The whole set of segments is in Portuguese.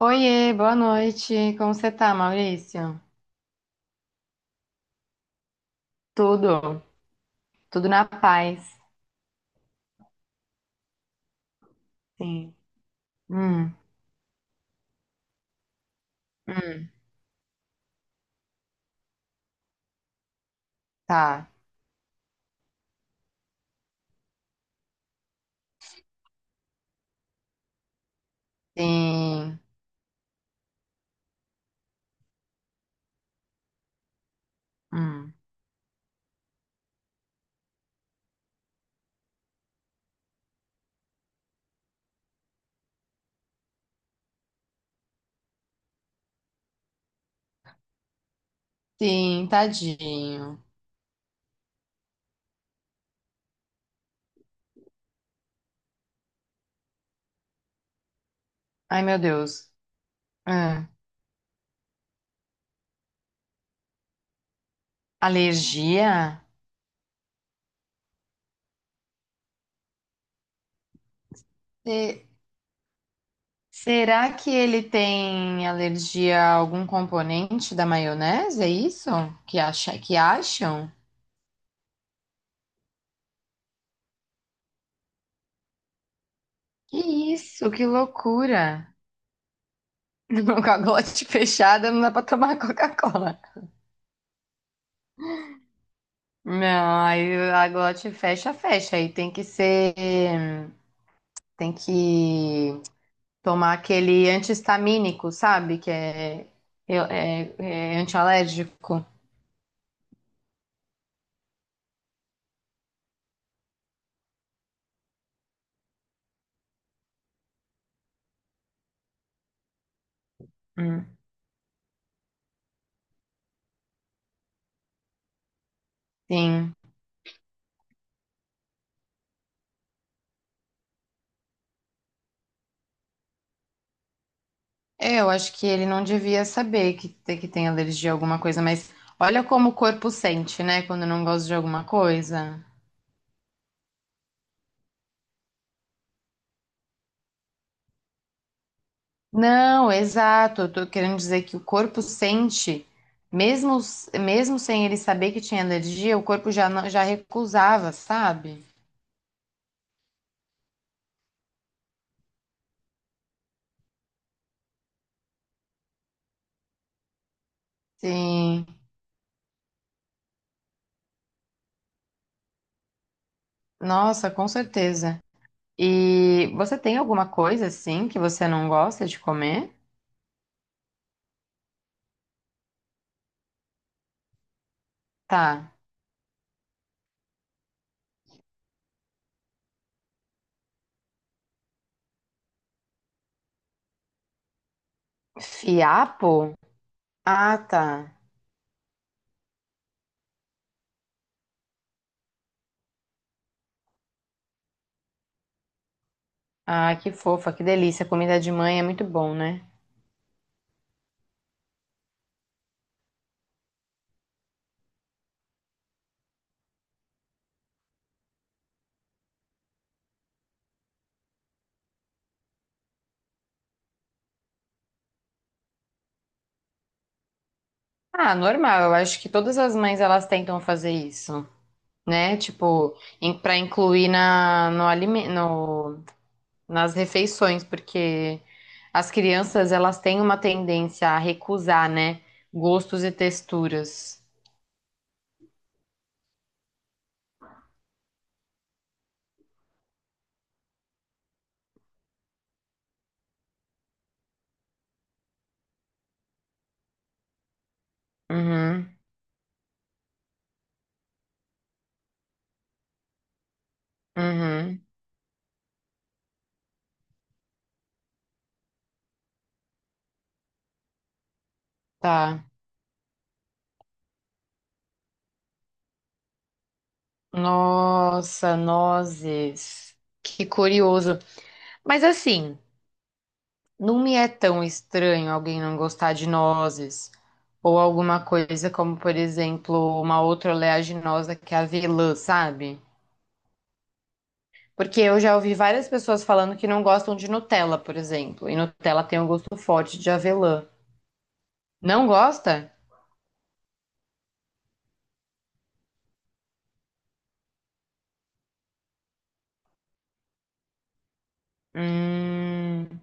Oiê, boa noite. Como você tá, Maurício? Tudo, tudo na paz. Sim. Hum, hum, tá. Sim. Hum. Sim, tadinho. Ai, meu Deus. Hum. Alergia? Se- Será que ele tem alergia a algum componente da maionese? É isso? Que acha, que acham? Que isso? Que loucura. Com a glote fechada, não dá pra tomar Coca-Cola. Não, aí a glote fecha, fecha. Aí tem que ser. Tem que tomar aquele anti-histamínico, sabe? Que é, eu- é, é antialérgico. Hum, Sim. É, eu acho que ele não devia saber que tem alergia a alguma coisa, mas olha como o corpo sente, né? Quando não gosta de alguma coisa. Não, exato. Eu tô querendo dizer que o corpo sente, mesmo, mesmo sem ele saber que tinha alergia, o corpo já, não- já recusava, sabe? Sim, nossa, com certeza. E você tem alguma coisa assim que você não gosta de comer? Tá. Fiapo? Ah, tá. Ah, que fofa, que delícia. Comida de mãe é muito bom, né? Ah, normal. Eu acho que todas as mães elas tentam fazer isso. Né? Tipo, para incluir na, no, alime- no, nas refeições, porque as crianças elas têm uma tendência a recusar, né? Gostos e texturas. Uhum, uhum, tá. Nossa, nozes. Que curioso. Mas assim, não me é tão estranho alguém não gostar de nozes. Ou alguma coisa como, por exemplo, uma outra oleaginosa que é a avelã, sabe? Porque eu já ouvi várias pessoas falando que não gostam de Nutella, por exemplo. E Nutella tem um gosto forte de avelã. Não gosta? Hum,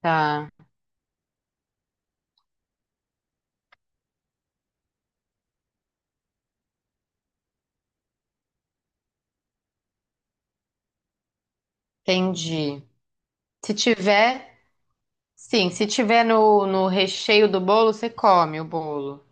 tá. Entendi. Se tiver, sim, se tiver no recheio do bolo, você come o bolo.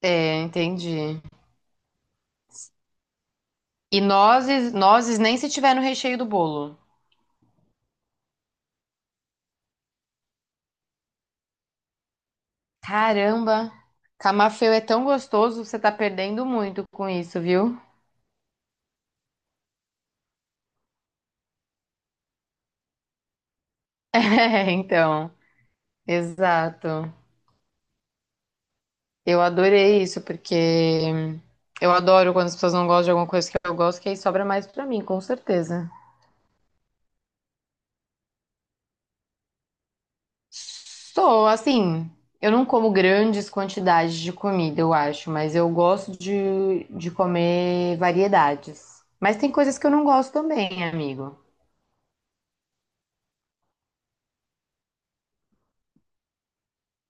É, entendi. E nozes, nozes nem se tiver no recheio do bolo. Caramba, camafeu é tão gostoso, você tá perdendo muito com isso, viu? É, então, exato. Eu adorei isso, porque eu adoro quando as pessoas não gostam de alguma coisa que eu gosto, que aí sobra mais pra mim, com certeza. Sou, assim, eu não como grandes quantidades de comida, eu acho, mas eu gosto de comer variedades. Mas tem coisas que eu não gosto também, amigo.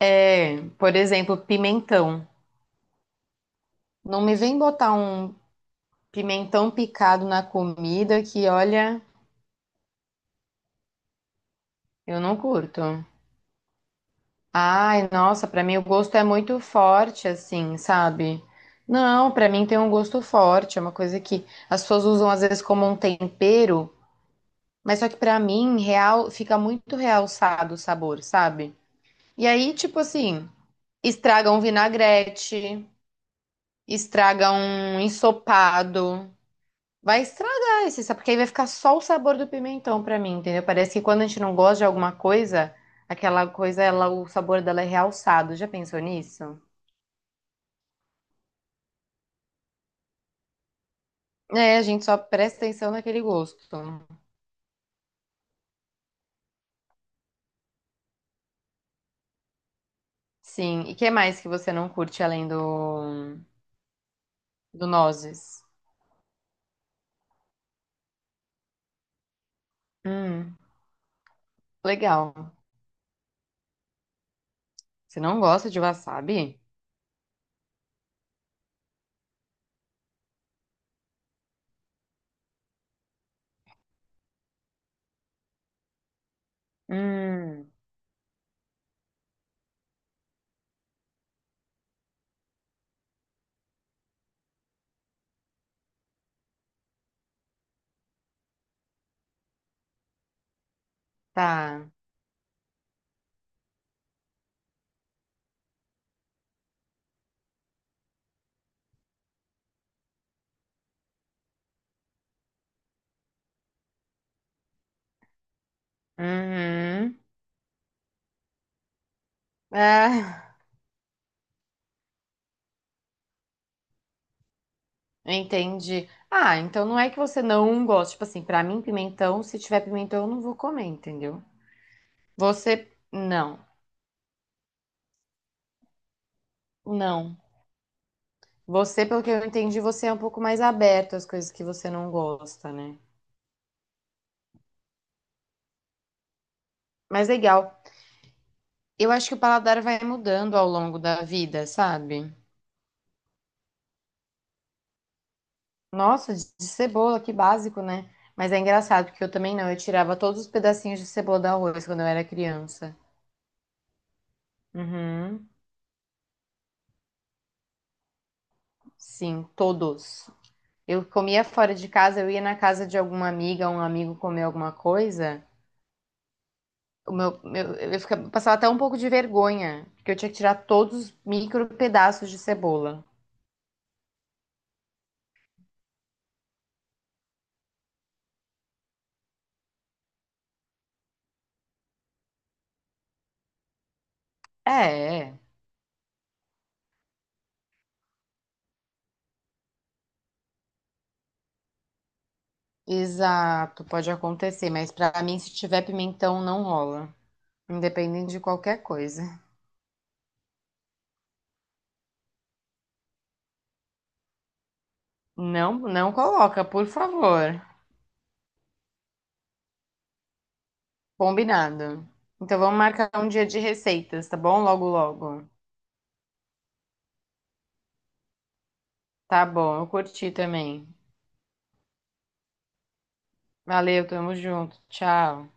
É, por exemplo, pimentão. Não me vem botar um pimentão picado na comida que, olha, eu não curto. Ai, nossa, pra mim o gosto é muito forte, assim, sabe? Não, pra mim tem um gosto forte, é uma coisa que as pessoas usam às vezes como um tempero, mas só que pra mim real fica muito realçado o sabor, sabe? E aí, tipo assim, estraga um vinagrete, estraga um ensopado, vai estragar esse sabor, porque aí vai ficar só o sabor do pimentão pra mim, entendeu? Parece que quando a gente não gosta de alguma coisa, aquela coisa, ela, o sabor dela é realçado. Já pensou nisso? É, a gente só presta atenção naquele gosto. Sim. E que mais que você não curte além do nozes? Hum, legal. Você não gosta de wasabi? Hum, tá. Uhum. Ah, entendi. Ah, então não é que você não gosta. Tipo assim, pra mim, pimentão, se tiver pimentão, eu não vou comer, entendeu? Você, não. Não. Você, pelo que eu entendi, você é um pouco mais aberto às coisas que você não gosta, né? Mas legal. Eu acho que o paladar vai mudando ao longo da vida, sabe? Nossa, de cebola, que básico, né? Mas é engraçado, porque eu também não. Eu tirava todos os pedacinhos de cebola do arroz quando eu era criança. Uhum. Sim, todos. Eu comia fora de casa, eu ia na casa de alguma amiga, um amigo comer alguma coisa. Eu ficava, eu passava até um pouco de vergonha, porque eu tinha que tirar todos os micro pedaços de cebola. É, é. Exato, pode acontecer, mas pra mim, se tiver pimentão, não rola. Independente de qualquer coisa. Não, não coloca, por favor. Combinado. Então vamos marcar um dia de receitas, tá bom? Logo, logo. Tá bom, eu curti também. Valeu, tamo junto. Tchau.